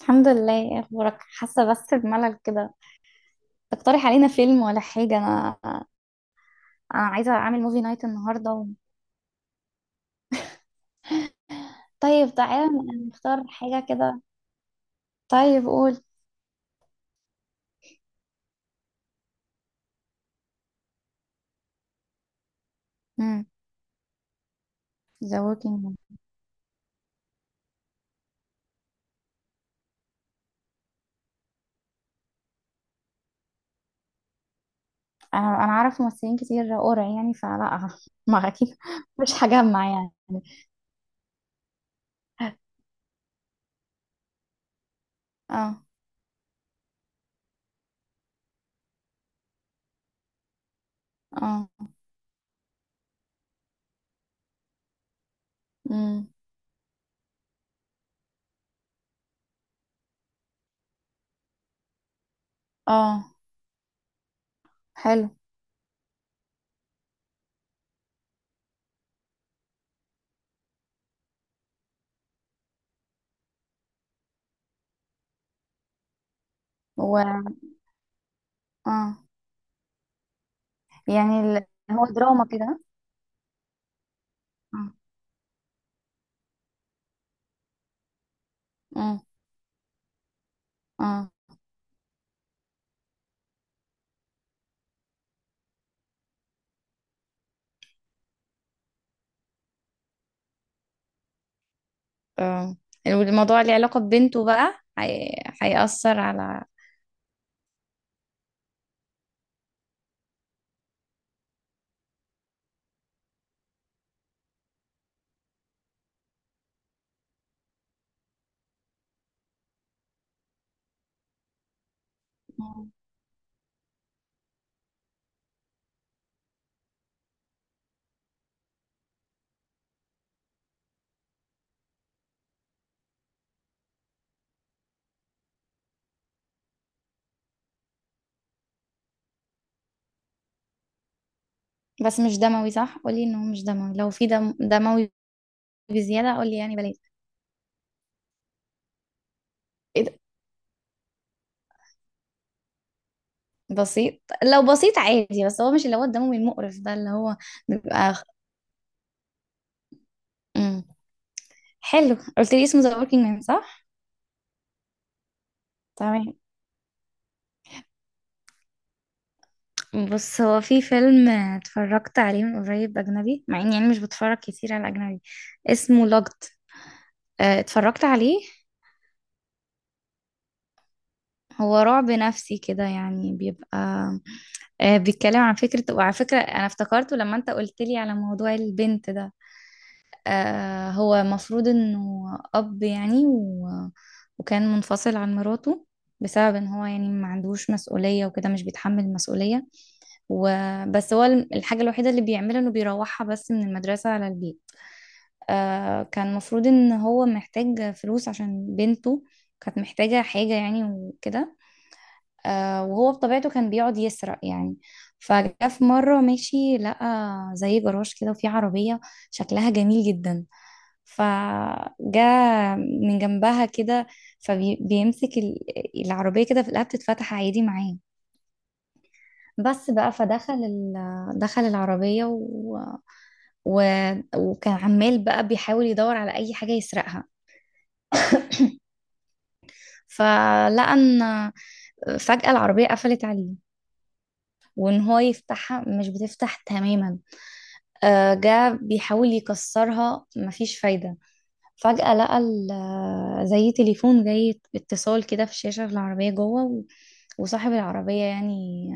الحمد لله. ايه اخبارك؟ حاسه بس بملل كده. تقترح علينا فيلم ولا حاجه؟ انا عايزه اعمل موفي نايت النهارده طيب تعالى نختار حاجه كده. طيب قول. امم ذا ووكينج. انا اعرف ممثلين كتير قرع، يعني فلا ما اكيد مش هجمع يعني. اه. اه. امم اه. حلو. و اه يعني هو دراما كده. اه. اه. اه. آه. الموضوع اللي علاقة ببنته بقى هيأثر على... مم. بس مش دموي، صح؟ قولي انه مش دموي. لو في دم دموي بزيادة قولي يعني بلاش. ايه ده؟ بسيط؟ لو بسيط عادي، بس هو مش اللي هو الدموي المقرف ده اللي هو بيبقى خ- مم. حلو. قلت لي اسمه ذا وركينج مان، صح؟ تمام. بص، هو في فيلم اتفرجت عليه من قريب اجنبي، مع اني يعني مش بتفرج كتير على اجنبي. اسمه لوجد. اتفرجت عليه. هو رعب نفسي كده، يعني بيبقى بيتكلم عن فكرة. وعلى فكرة انا افتكرته لما انت قلت لي على موضوع البنت ده. آه، هو مفروض انه اب يعني وكان منفصل عن مراته بسبب ان هو يعني ما عندوش مسؤولية وكده، مش بيتحمل المسؤولية. وبس هو الحاجة الوحيدة اللي بيعملها انه بيروحها بس من المدرسة على البيت. آه، كان مفروض ان هو محتاج فلوس عشان بنته كانت محتاجة حاجة يعني وكده. آه، وهو بطبيعته كان بيقعد يسرق يعني. فجاء في مرة ماشي لقى زي جراج كده، وفيه عربية شكلها جميل جدا. فجاء من جنبها كده، فبيمسك العربية كده في الآب تتفتح عادي معاه. بس بقى دخل العربية و... وكان عمال بقى بيحاول يدور على أي حاجة يسرقها. فلقى إن فجأة العربية قفلت عليه، وإن هو يفتحها مش بتفتح تماما. آه، جه بيحاول يكسرها، مفيش فايدة. فجأة لقى زي تليفون جاي اتصال كده في الشاشة في العربية جوه، وصاحب العربية يعني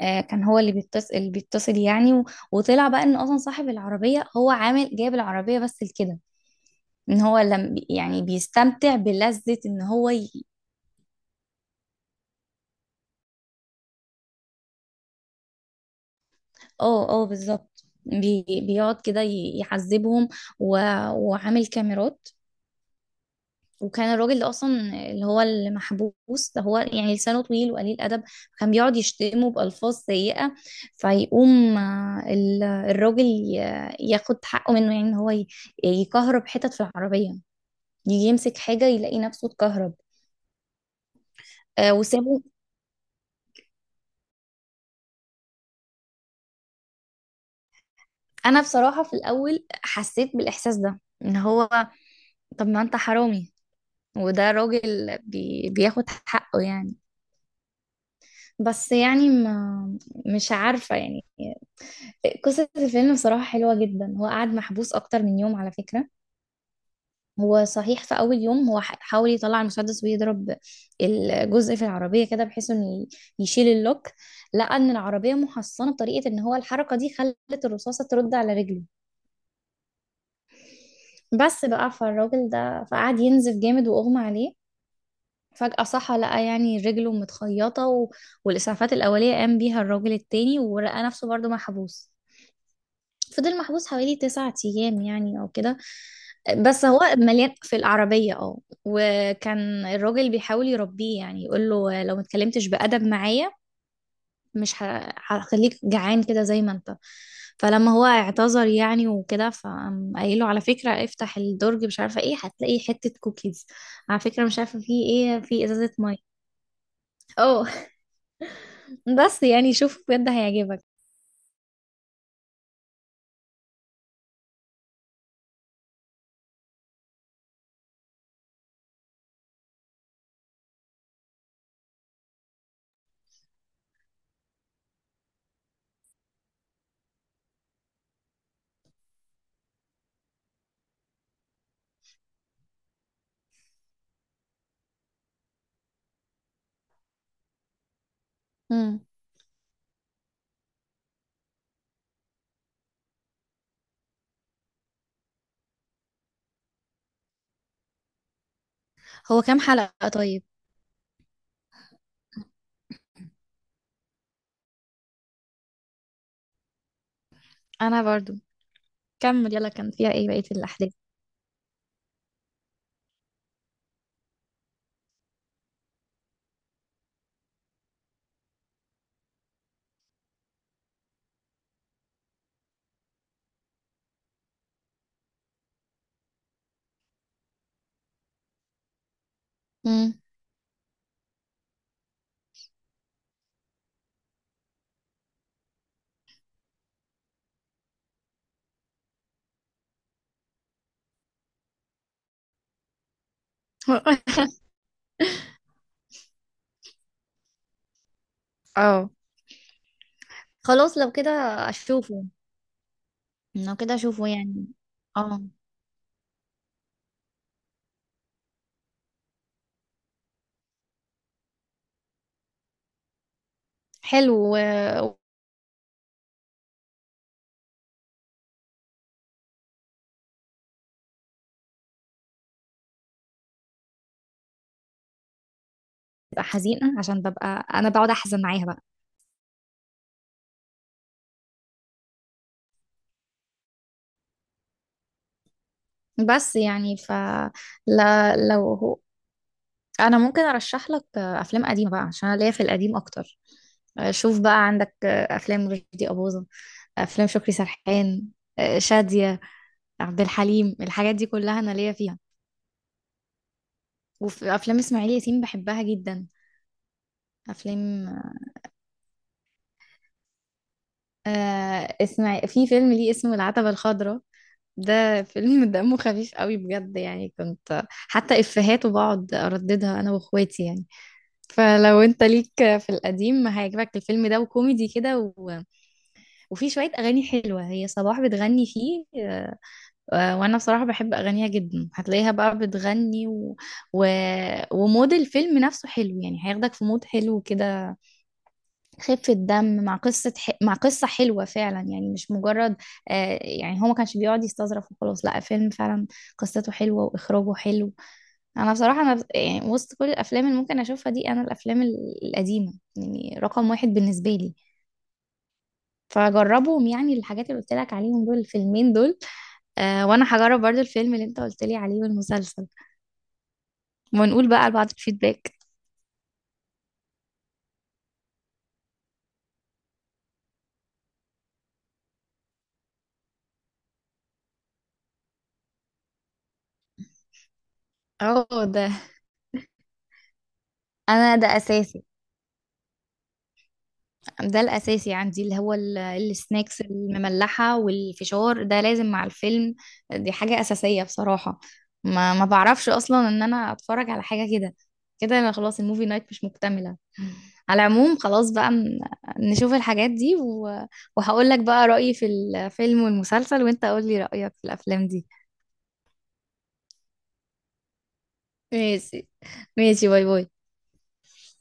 كان هو اللي بيتصل. اللي بيتصل يعني، وطلع بقى ان اصلا صاحب العربية هو عامل جايب العربية بس لكده، ان هو لم يعني بيستمتع بلذة ان هو اه اه بالظبط. بيقعد كده يعذبهم و... وعامل كاميرات. وكان الراجل ده اصلا اللي محبوس ده، هو يعني لسانه طويل وقليل ادب، كان بيقعد يشتمه بالفاظ سيئه. فيقوم الراجل ياخد حقه منه، يعني ان هو يكهرب حتت في العربيه. يجي يمسك حاجه يلاقي نفسه اتكهرب. آه، وسابه. انا بصراحه في الاول حسيت بالاحساس ده، ان هو طب ما انت حرامي وده راجل بياخد حقه يعني. بس يعني ما، مش عارفه يعني. قصة الفيلم بصراحة حلوة جدا. هو قعد محبوس أكتر من يوم، على فكرة. هو صحيح في أول يوم هو حاول يطلع المسدس ويضرب الجزء في العربية كده، بحيث إنه يشيل اللوك. لقى إن العربية محصنة بطريقة إن هو الحركة دي خلت الرصاصة ترد على رجله. بس بقى فالراجل ده فقعد ينزف جامد وأغمى عليه. فجأة صحى لقى يعني رجله متخيطة والإسعافات الأولية قام بيها الراجل التاني، ولقى نفسه برضه محبوس. فضل محبوس حوالي تسعة أيام يعني أو كده. بس هو مليان في العربية، اه. وكان الراجل بيحاول يربيه يعني، يقول له لو ما اتكلمتش بأدب معايا مش هخليك جعان كده زي ما انت. فلما هو اعتذر يعني وكده، فقام قايله على فكرة افتح الدرج، مش عارفة ايه، هتلاقي حتة كوكيز. على فكرة مش عارفة في ايه، في ازازة مية. اه بس يعني شوف بجد هيعجبك. مم. هو كام حلقة طيب؟ انا برضو كمل يلا، كان فيها ايه بقية الاحداث؟ مم. اه، خلاص لو كده اشوفه. انه كده اشوفه يعني. اه، حلو. وببقى حزينة عشان ببقى انا بقعد احزن معاها بقى. بس يعني ف، لا لو هو، انا ممكن ارشح لك افلام قديمة بقى عشان أنا ليا في القديم اكتر. شوف بقى، عندك افلام رشدي أباظة، افلام شكري سرحان، شادية، عبد الحليم، الحاجات دي كلها انا ليا فيها. وفي افلام اسماعيل ياسين بحبها جدا. افلام، آه اسمع، في فيلم ليه اسمه العتبة الخضراء. ده فيلم دمه خفيف قوي بجد، يعني كنت حتى افهاته بقعد ارددها انا واخواتي يعني. فلو انت ليك في القديم هيعجبك الفيلم ده، وكوميدي كده وفي شوية اغاني حلوة، هي صباح بتغني فيه. وانا بصراحة بحب اغانيها جدا. هتلاقيها بقى بتغني و... ومود الفيلم نفسه حلو يعني، هياخدك في مود حلو كده. خفة دم مع قصة مع قصة حلوة فعلا يعني، مش مجرد آه يعني هو ما كانش بيقعد يستظرف وخلاص، لا فيلم فعلا قصته حلوة وإخراجه حلو. أنا بصراحة أنا يعني وسط كل الأفلام اللي ممكن أشوفها دي، أنا الأفلام القديمة يعني رقم واحد بالنسبة لي. فجربهم يعني، الحاجات اللي قلت لك عليهم دول الفيلمين دول. آه، وأنا هجرب برضو الفيلم اللي أنت قلت لي عليه والمسلسل، ونقول بقى لبعض الفيدباك. اه. ده أساسي. ده الأساسي عندي، اللي هو السناكس المملحة والفشار، ده لازم مع الفيلم. دي حاجة أساسية بصراحة. ما بعرفش أصلا إن أنا أتفرج على حاجة كده. كده أنا خلاص الموفي نايت مش مكتملة. على العموم خلاص بقى نشوف الحاجات دي وهقول لك بقى رأيي في الفيلم والمسلسل، وأنت قول لي رأيك في الأفلام دي. ماشي. ماشي، باي باي.